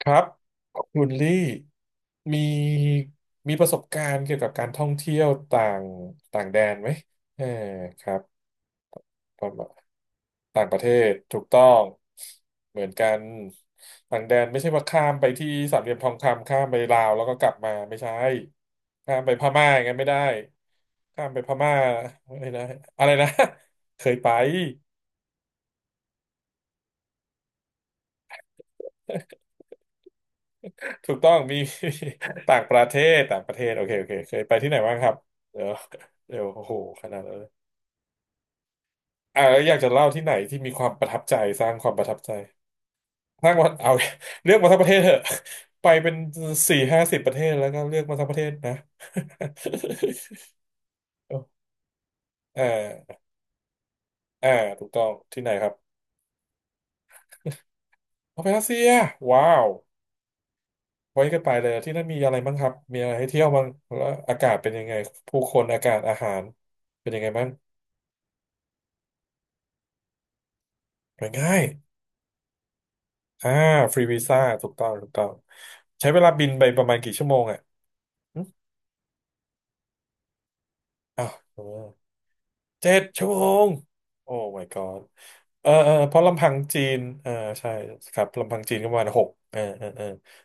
ครับคุณลี่มีมีประสบการณ์เกี่ยวกับการท่องเที่ยวต่างต่างแดนไหมเออครับประมาณต่างประเทศถูกต้องเหมือนกันต่างแดนไม่ใช่ว่าข้ามไปที่สามเหลี่ยมทองคำข้ามไปลาวแล้วก็กลับมาไม่ใช่ข้ามไปพม่าอย่างนั้นไม่ได้ข้ามไปพม่าไม่ได้อะไรนะ เคยไป ถูกต้องมี ต่างประเทศต่างประเทศโอเคโอเคเคยไปที่ไหนบ้างครับเดี๋ยวเดี๋ยวโอ้โหขนาดนั้นเลยแล้วอยากจะเล่าที่ไหนที่มีความประทับใจสร้างความประทับใจสร้างวันเอา เลือกมาทั้งประเทศเถอะ ไปเป็นสี่ห้าสิบประเทศแล้วก็เลือกมาทั้งประเทศนะ เออเออถูกต้องที่ไหนครับเอาไปรัสเซียว้าวไว้กันไปเลยที่นั่นมีอะไรบ้างครับมีอะไรให้เที่ยวบ้างแล้วอากาศเป็นยังไงผู้คนอากาศอาหารเป็นยังไงบ้างไปง่าย อ่าฟรีวีซ่าถูกต้องถูกต้องใช้เวลาบินไปประมาณกี่ชั่วโมงอ่ะหึอ้าว7 ชั่วโมงโอ้ my god เออเพราะลำพังจีนใช่ครับลำพังจีนก็ประมาณหก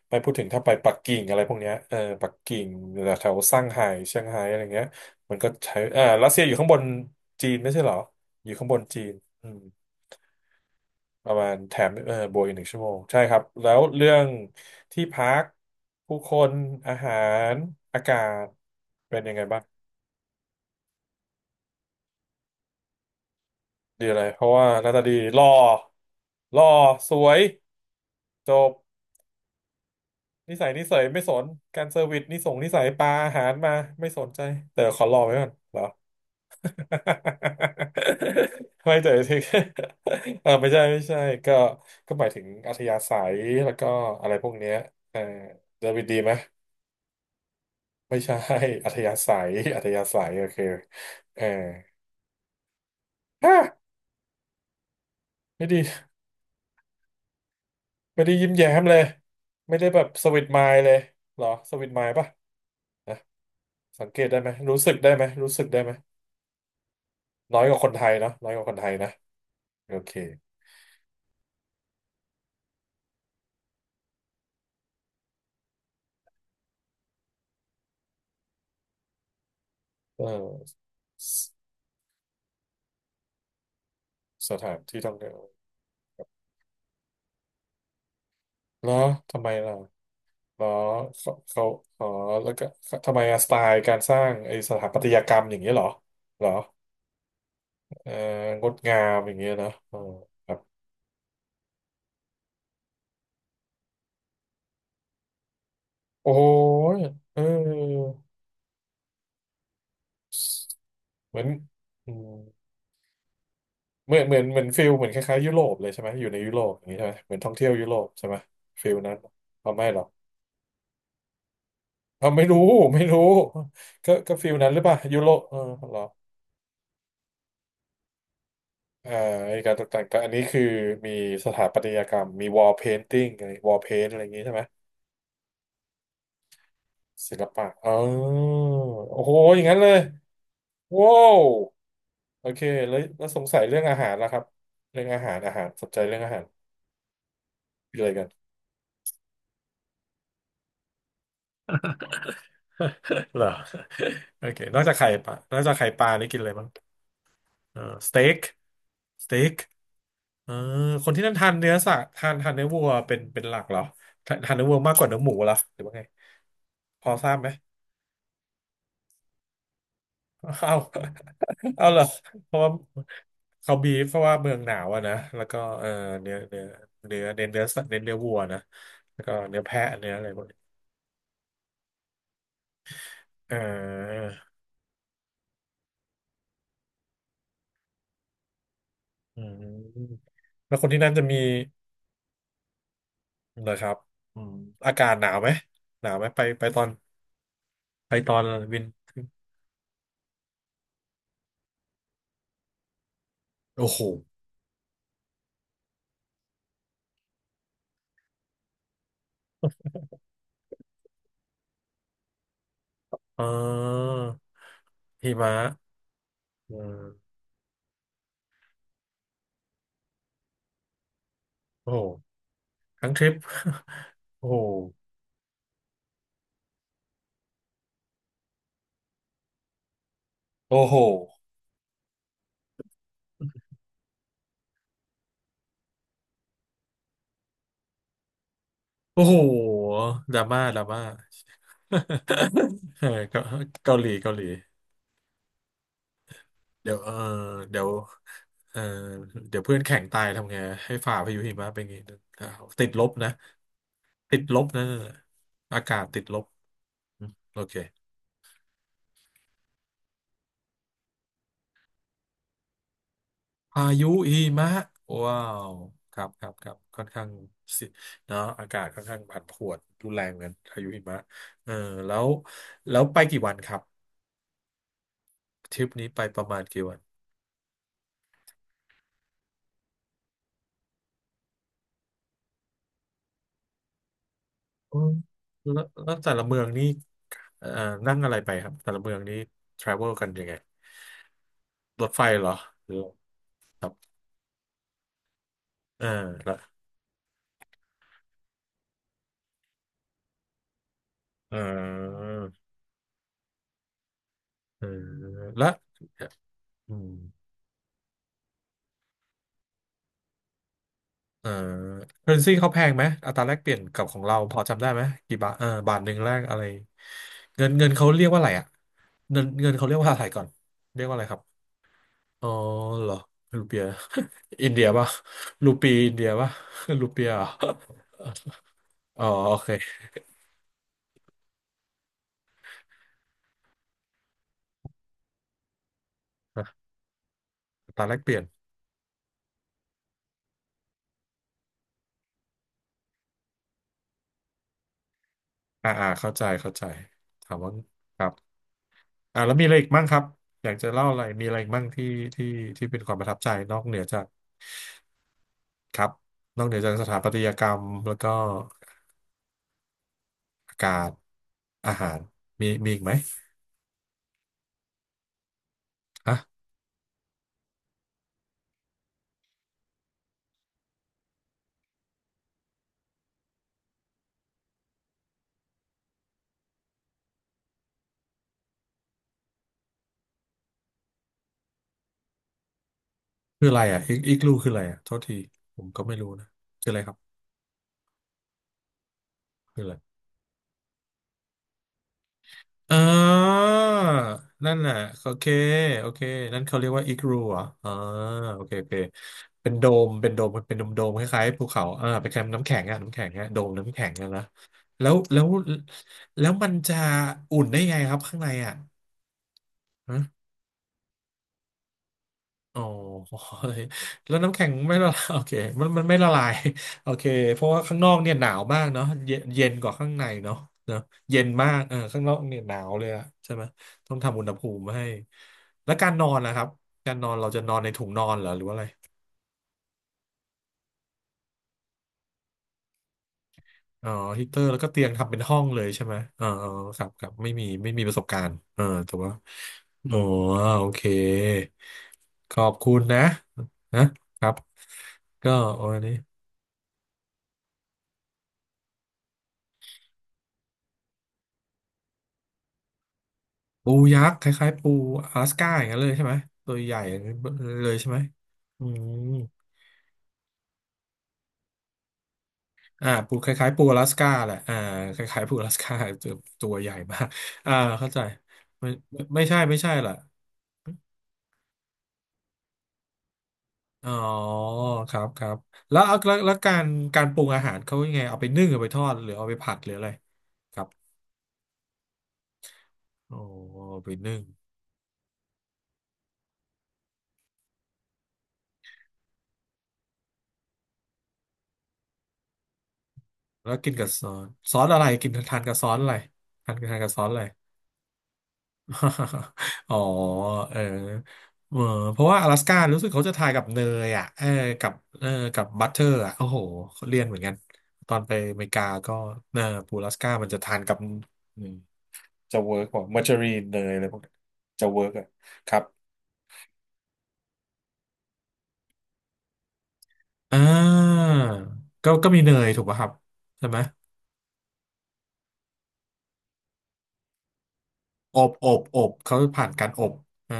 ไม่พูดถึงถ้าไปปักกิ่งอะไรพวกเนี้ยปักกิ่งแถวซ่างไฮ้เซี่ยงไฮ้อะไรเงี้ยมันก็ใช้รัสเซียอยู่ข้างบนจีนไม่ใช่เหรออยู่ข้างบนจีนอืม ประมาณแถมบวกอีก1 ชั่วโมงใช่ครับแล้วเรื่องที่พักผู้คนอาหารอากาศเป็นยังไงบ้างดีอะไรเพราะว่าหน้าตาดีหล่อหล่อสวยจบนิสัยไม่สนการเซอร์วิสนิสงนิสัยปลาอาหารมาไม่สนใจแต่ขอรอไว้ก่อนเหรอ ไม่แต่ถึง ไม่ใช่ไม่ใช่ก็ก็หมายถึงอัธยาศัยแล้วก็อะไรพวกเนี้ยเออเซอร์วิสดีไหม ไม่ใช่ อัธยาศัยอัธยาศัยโอเคเออฮะไม่ดีไม่ได้ยิ้มแย้มเลยไม่ได้แบบสวิตไมล์เลยเหรอสวิตไมล์ปะนะสังเกตได้ไหมรู้สึกได้ไหมรู้สึกได้ไหมน้อยกว่าคนไทยเนาะน้อยกว่าคนไทยนะโอเคเออสถานที่ท่องเที่ยวเหรอทำไมล่ะเหรอเขาอ๋อแล้วก็ทำไมอะสไตล์การสร้างไอสถาปัตยกรรมอย่างเงี้ยเหรอเหรอเอองดงามอย่างเงี้ยนะครับโอ้ยเออ เหมือนอืมเหมือนฟิลเหมือนคล้ายๆยุโรปเลยใช่ไหมอยู่ในยุโรปอย่างนี้ใช่ไหมเหมือนท่องเที่ยวยุโรปใช่ไหมฟิลนั้นเราไม่หรอกเราไม่รู้ไม่รู้ก็ฟิลนั้นหรือเปล่ายุโรปเหรอเอ่าไอการตกแต่งแต่อันนี้คือมีสถาปัตยกรรมมีวอลเพนติ้งอะไรวอลเพนอะไรอย่างนี้ใช่ไหมศิลปะอ๋อโอ้โหอย่างนั้นเลยว้าวโอเคแล้วสงสัยเรื่องอาหารแล้วครับเรื่องอาหารอาหารสนใจเรื่องอาหารคืออะไรกัน เหรอโอเคนอกจากไข่ปลานอกจากไข่ปลานี่กินอะไรบ้างเออสเต็กสเต็กเออคนที่นั่นทานเนื้อสัตว์ทานทานเนื้อวัวเป็นเป็นหลักเหรอทานทานเนื้อวัวมากกว่าเนื้อหมูเหรอหรือว่าไงพอทราบไหม เอาเอาเหรอเพราะว่าเขาบีฟเพราะว่าเมืองหนาวอะนะแล้วก็เนื้อเนื้อเนื้อเน้นเนื้อสัตว์เน้นเนื้อวัวนะแล้วก็เนื้อแพะเนื้ออะไรพวกนี้เอออืมแล้วคนที่นั่นจะมี เลยครับอืมอากาศหนาวไหมหนาวไหมไปไปตอนไปตอนวิน โอ้โหเออหิมะเออโอ้โหทั้งทริป โอ้โหโอ้โหโอ้โหดราม่าดราม่า เออเกาเกาหลี เกาหลีเดี๋ยวเดี๋ยวเออเดี๋ยวเพื่อนแข่งตายทำไง ให้ฝ่าพายุหิมะเป็นไงติดลบนะ ติดลบนะ อากาศติดลบโอเค พายุหิมะว้าวครับครับครับค่อนข้างสิเนาะอากาศค่อนข้างผันผวนรุนแรงเหมือนกันพายุหิมะเออแล้วแล้วไปกี่วันครับทริปนี้ไปประมาณกี่วันอืมแล้วแต่ละเมืองนี่เอ่อนั่งอะไรไปครับแต่ละเมืองนี่ทราเวลกันยังไงรถไฟเหรอหรือครับเออแล้วเออเออแล้วอืม เออ currency เขาแพงไหมอัตราแลกเปลี่ยนกับของเราพอจำได้ไหมกี่บาทบาทหนึ่งแลกอะไรเงินเขาเรียกว่าอะไรอ่ะเงินเขาเรียกว่าอะไรก่อนเรียกว่าอะไรครับอ๋อเหรอรูเปีย อินเดียป่ะรูปีอินเดียป่ะ รูเปียเหรอ อ๋อโอเคอ่ะอัตราแลกเปลี่ยนเข้าใจเข้าใจถามว่าครับอ่าแล้วมีอะไรอีกบ้างครับอยากจะเล่าอะไรมีอะไรอีกมั่งที่ที่เป็นความประทับใจนอกเหนือจากครับนอกเหนือจากสถาปัตยกรรมแล้วก็อากาศ อาหารมีอีกไหมฮะคืออะไรอ่ะอีกลูคืออะไรอ่ะโทษทีผมก็ไม่รู้นะคืออะไรครับคืออะไรอ่านั่นน่ะโอเคโอเคนั่นเขาเรียกว่าอีกรูเหรอะอ่าโอเคโอเคเป็นโดมเป็นโดมเป็นโดมโดมคล้ายๆภูเขาอ่าเป็นแคมป์น้ำแข็งอ่ะน้ำแข็งอ่ะโดมน้ำแข็งอ่ะนะแล้วแล้วแล้วมันจะอุ่นได้ไงครับข้างในอ่ะ อ๋อ แล้วน้ำแข็งไม่ละลาย โอเคมันไม่ละลาย โอเคเพราะว่าข้างนอกเนี่ยหนาวมากเนาะเย็นกว่าข้างในเนาะเนาะเย็นมากเออข้างนอกเนี่ยหนาวเลยอะใช่ไหมต้องทำอุณหภูมิให้แล้วการนอนนะครับการนอนเราจะนอนในถุงนอนเหรอหรือว่าอะไรอ๋อฮีเตอร์แล้วก็เตียงทำเป็นห้องเลยใช่ไหมเออเออครับครับไม่มีประสบการณ์เออแต่ว่าโอ้โอเคขอบคุณนะนะครับก็วันนี้ ปูยักษ์คล้ายๆปู阿拉สก้าอย่างนั้นเลยใช่ไหมตัวใหญ่เลยใช่ไหมอืมอ่าปูคล้ายๆปู阿拉สก้าแหละอ่าคล้ายๆปู阿拉สก้า ตัวตัวใหญ่มากอ่าเข้าใจไม่ไม่ใช่ล่ะอ๋อครับครับแล้วการการปรุงอาหารเขายังไงเอาไปนึ่งเอาไปทอดหรือเอาไปผัดหรืออะไรครับโอ้เอาไปนึ่งแล้วกินกับซอสซอสอะไรกินทานกับซอสอะไรทานกับซอสอะไร อ๋อเออเออเพราะว่าอลาสก้ารู้สึกเขาจะถ่ายกับเนยอ่ะเออกับเออกับบัตเตอร์อ่ะโอ้โหเขาเรียนเหมือนกันตอนไปอเมริกาก็เนอปูอลาสก้ามันจะทานกับอืมจะเวิร์กกว่ามาร์จารีนเนยอะไรพวกนั้นจะเวิร์กอ่ะครับอ่าก็ก็มีเนยถูกป่ะครับใช่ไหมอบเขาผ่านการอบอ่า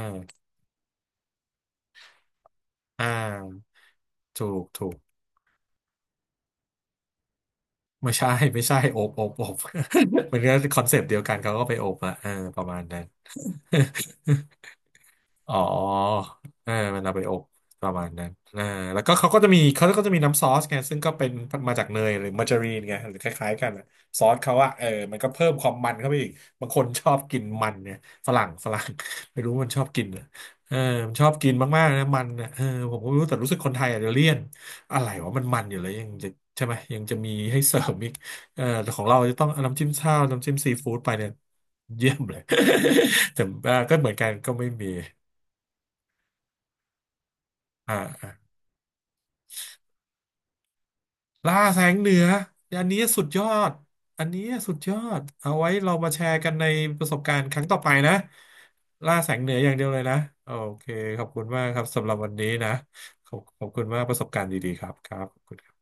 อ่าถูกถูก ไม่ใช่ ไม่ใช่โอบ เหมือนกันคอนเซปต์เดียวกันเขาก็ไปโอบอะเออประมาณนั้น อ๋อเออมันเอาไปอบประมาณนั้นอ่าแล้วก็เขาก็จะมีน้ำซอสไงซึ่งก็เป็นมาจากเนยหรือมาการีนไงหรือคล้ายๆกันอะซอสเขาอะเออมันก็เพิ่มความมันเข้าไปอีกบางคนชอบกินมันเนี่ยฝรั่ง ไม่รู้มันชอบกินเหรอเออมันชอบกินมากๆนะมันนะเออผมก็ไม่รู้แต่รู้สึกคนไทยอาจจะเลี่ยนอะไรวะมันอยู่เลยยังจะใช่ไหมยังจะมีให้เสริมอีกเออแต่ของเราจะต้องเอาน้ำจิ้มข้าวน้ำจิ้มซีฟู้ดไปเนี่ยเยี่ยมเลย แต่ก็เหมือนกันก็ไม่มี อ่าอ่าล่าแสงเหนืออันนี้สุดยอดอันนี้สุดยอดเอาไว้เรามาแชร์กันในประสบการณ์ครั้งต่อไปนะล่าแสงเหนืออย่างเดียวเลยนะโอเคขอบคุณมากครับสำหรับวันนี้นะขอบคุณมากประสบการณ์ดีๆครับครับขอบคุณ